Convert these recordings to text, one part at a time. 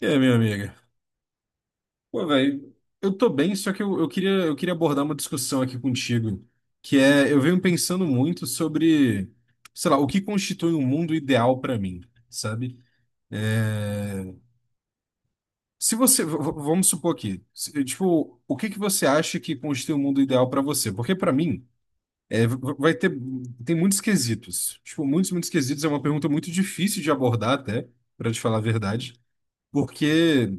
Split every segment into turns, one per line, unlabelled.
É, minha amiga. Pô, velho, eu tô bem, só que eu queria abordar uma discussão aqui contigo, que é, eu venho pensando muito sobre, sei lá, o que constitui um mundo ideal pra mim, sabe? É, se você, vamos supor aqui, tipo, o que que você acha que constitui um mundo ideal pra você? Porque pra mim, é, vai ter, tem muitos quesitos. Tipo, muitos quesitos é uma pergunta muito difícil de abordar até, pra te falar a verdade, porque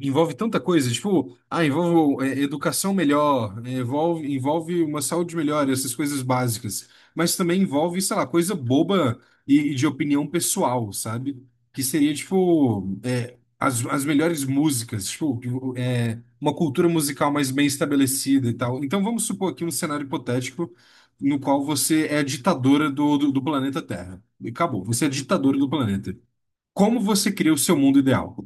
envolve tanta coisa, tipo, ah, envolve é, educação melhor, é, envolve uma saúde melhor, essas coisas básicas. Mas também envolve, sei lá, coisa boba e de opinião pessoal, sabe? Que seria, tipo, é, as melhores músicas, tipo, é, uma cultura musical mais bem estabelecida e tal. Então vamos supor aqui um cenário hipotético no qual você é a ditadora do planeta Terra. E acabou, você é a ditadora do planeta. Como você cria o seu mundo ideal?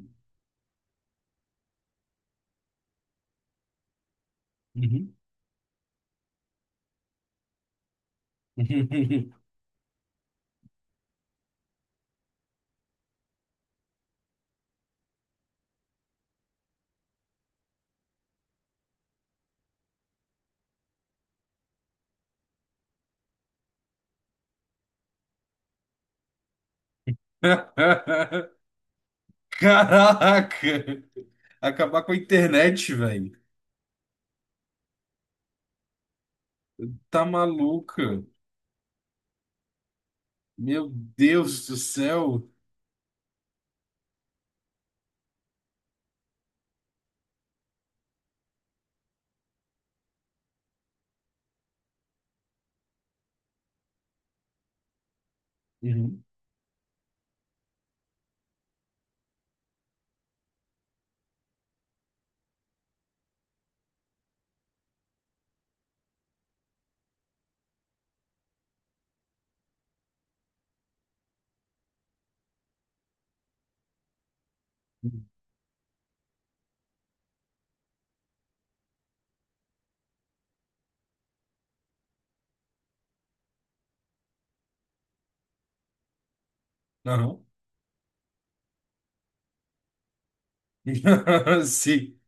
Uhum. Caraca! Acabar com a internet, velho. Tá maluca? Meu Deus do céu. Uhum. Aham. Sim.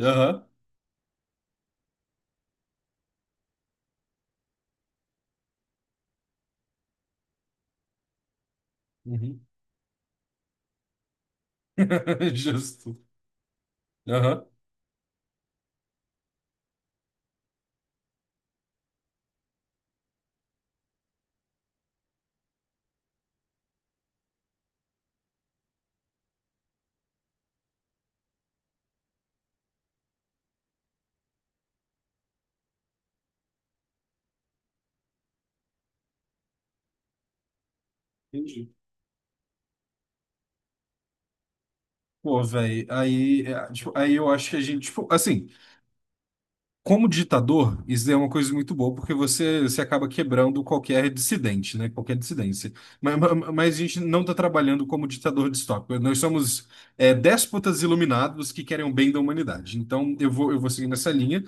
Aham. Uhum. Justo. Aham. Entendi. Pô, velho, aí, é, tipo, aí eu acho que a gente, tipo, assim, como ditador, isso é uma coisa muito boa, porque você acaba quebrando qualquer dissidente, né? Qualquer dissidência. Mas, mas a gente não está trabalhando como ditador distópico. Nós somos é, déspotas iluminados que querem o bem da humanidade. Então, eu vou seguir nessa linha,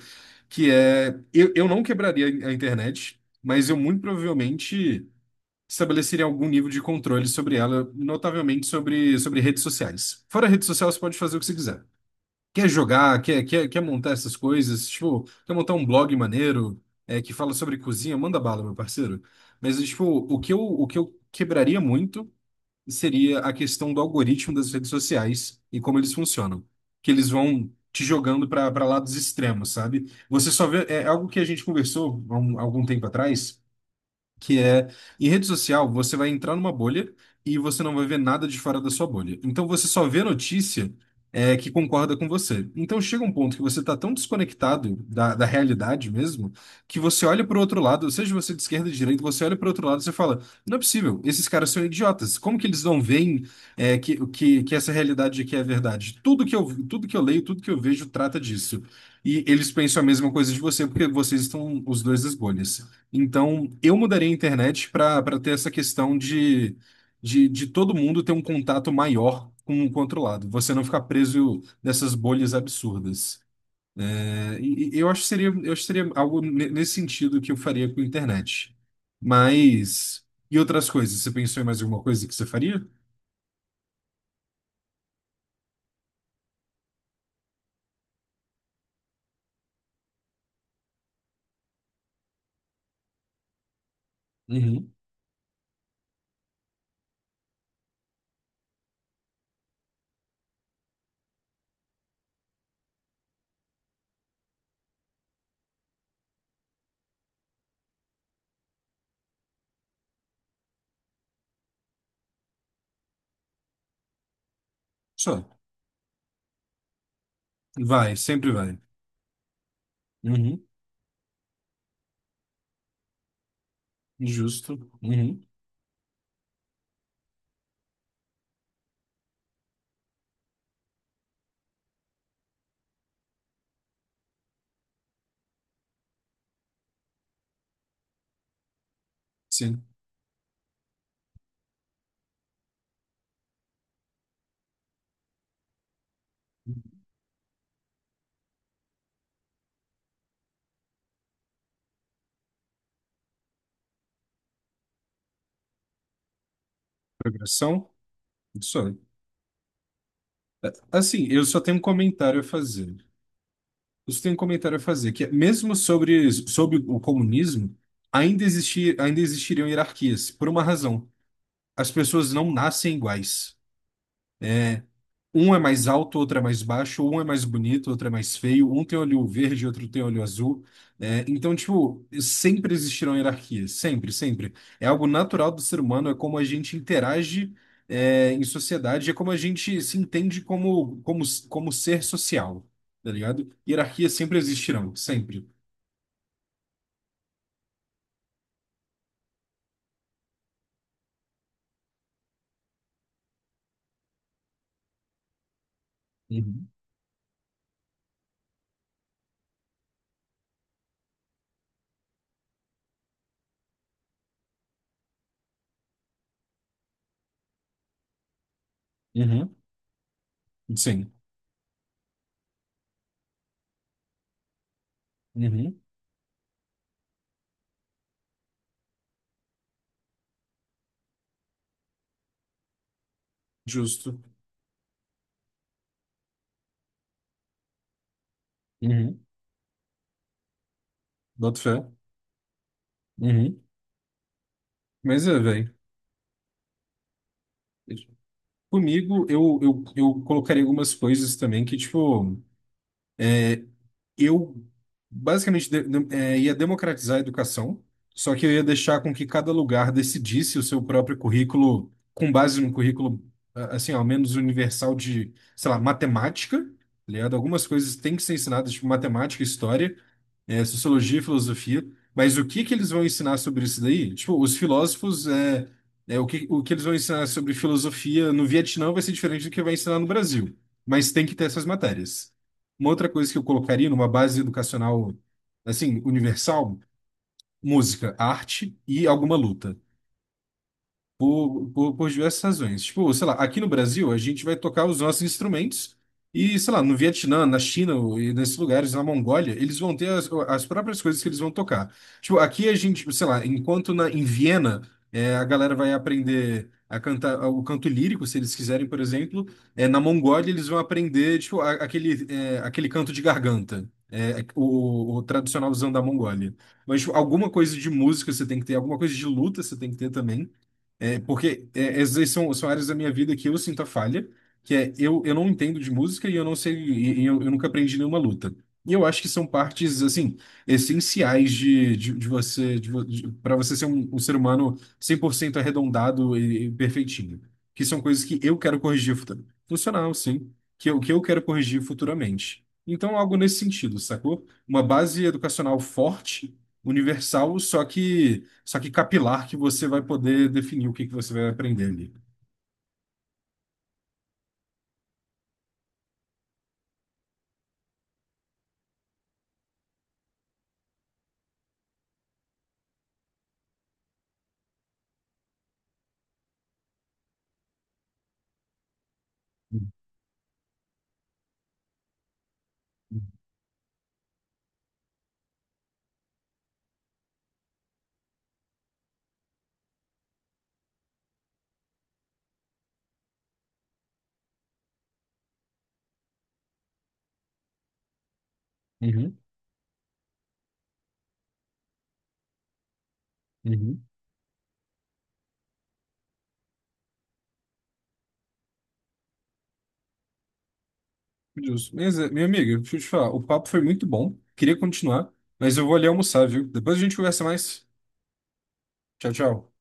que é... Eu não quebraria a internet, mas eu muito provavelmente estabeleceria algum nível de controle sobre ela, notavelmente sobre redes sociais. Fora rede social, você pode fazer o que você quiser quer jogar, quer montar essas coisas, tipo, quer montar um blog maneiro, é, que fala sobre cozinha, manda bala, meu parceiro. Mas, tipo, o que eu quebraria muito seria a questão do algoritmo das redes sociais e como eles funcionam. Que eles vão te jogando para lados extremos, sabe? Você só vê. É algo que a gente conversou algum tempo atrás, que é em rede social você vai entrar numa bolha e você não vai ver nada de fora da sua bolha. Então você só vê notícia é, que concorda com você. Então chega um ponto que você está tão desconectado da realidade mesmo que você olha para o outro lado, seja você é de esquerda ou de direita, você olha para o outro lado e você fala: não é possível, esses caras são idiotas. Como que eles não veem é, que essa realidade aqui é verdade? Tudo que eu leio, tudo que eu vejo trata disso. E eles pensam a mesma coisa de você, porque vocês estão os dois nas bolhas. Então, eu mudaria a internet para ter essa questão de, de todo mundo ter um contato maior com o outro lado. Você não ficar preso nessas bolhas absurdas. É, e eu acho que seria, eu acho que seria algo nesse sentido que eu faria com a internet. Mas. E outras coisas? Você pensou em mais alguma coisa que você faria? Uhum. Só. Vai, sempre vai. Uhum. Justo. Uhum. Sim. Progressão? Só. É, assim, eu só tenho um comentário a fazer. Isso tem um comentário a fazer, que é, mesmo sobre o comunismo, ainda existir, ainda existiriam hierarquias, por uma razão. As pessoas não nascem iguais. Um é mais alto, outro é mais baixo, um é mais bonito, outro é mais feio, um tem olho verde, outro tem olho azul. Né? Então, tipo, sempre existirão hierarquias, sempre, sempre. É algo natural do ser humano, é como a gente interage, é, em sociedade, é como a gente se entende como, como, como ser social, tá ligado? Hierarquias sempre existirão, sempre. Uhum. Uhum. Sim. Uhum. Justo. Uhum. Boto fé. Uhum. Mas é, velho. Comigo, eu colocaria algumas coisas também que, tipo. Eu basicamente ia democratizar a educação, só que eu ia deixar com que cada lugar decidisse o seu próprio currículo com base no currículo, ah, assim, ao menos universal de, sei lá, matemática, tá ligado? Algumas coisas têm que ser ensinadas, tipo matemática, história, sociologia e filosofia, mas o que que eles vão ensinar sobre isso daí? Tipo, os filósofos, é, o que eles vão ensinar sobre filosofia no Vietnã vai ser diferente do que vai ensinar no Brasil, mas tem que ter essas matérias. Uma outra coisa que eu colocaria numa base educacional, assim, universal, música, arte e alguma luta. Por diversas razões. Tipo, sei lá, aqui no Brasil a gente vai tocar os nossos instrumentos e, sei lá, no Vietnã, na China e nesses lugares, na Mongólia, eles vão ter as próprias coisas que eles vão tocar. Tipo, aqui a gente, sei lá, enquanto em Viena é, a galera vai aprender a cantar o canto lírico, se eles quiserem, por exemplo, é, na Mongólia eles vão aprender, tipo, aquele, é, aquele canto de garganta. O tradicionalzão da Mongólia. Mas, tipo, alguma coisa de música você tem que ter, alguma coisa de luta você tem que ter também. É, porque é, essas aí são, são áreas da minha vida que eu sinto a falha, que é eu não entendo de música e eu não sei, eu nunca aprendi nenhuma luta. E eu acho que são partes, assim, essenciais de você, de, de, para você ser um, um ser humano 100% arredondado e perfeitinho. Que são coisas que eu quero corrigir futuramente. Funcional, sim. Que eu quero corrigir futuramente. Então, algo nesse sentido, sacou? Uma base educacional forte universal, só que capilar que você vai poder definir o que que você vai aprender ali. Uhum, uhum. Justo. Mas, é, minha amiga, deixa eu te falar, o papo foi muito bom, queria continuar, mas eu vou ali almoçar, viu? Depois a gente conversa mais. Tchau, tchau.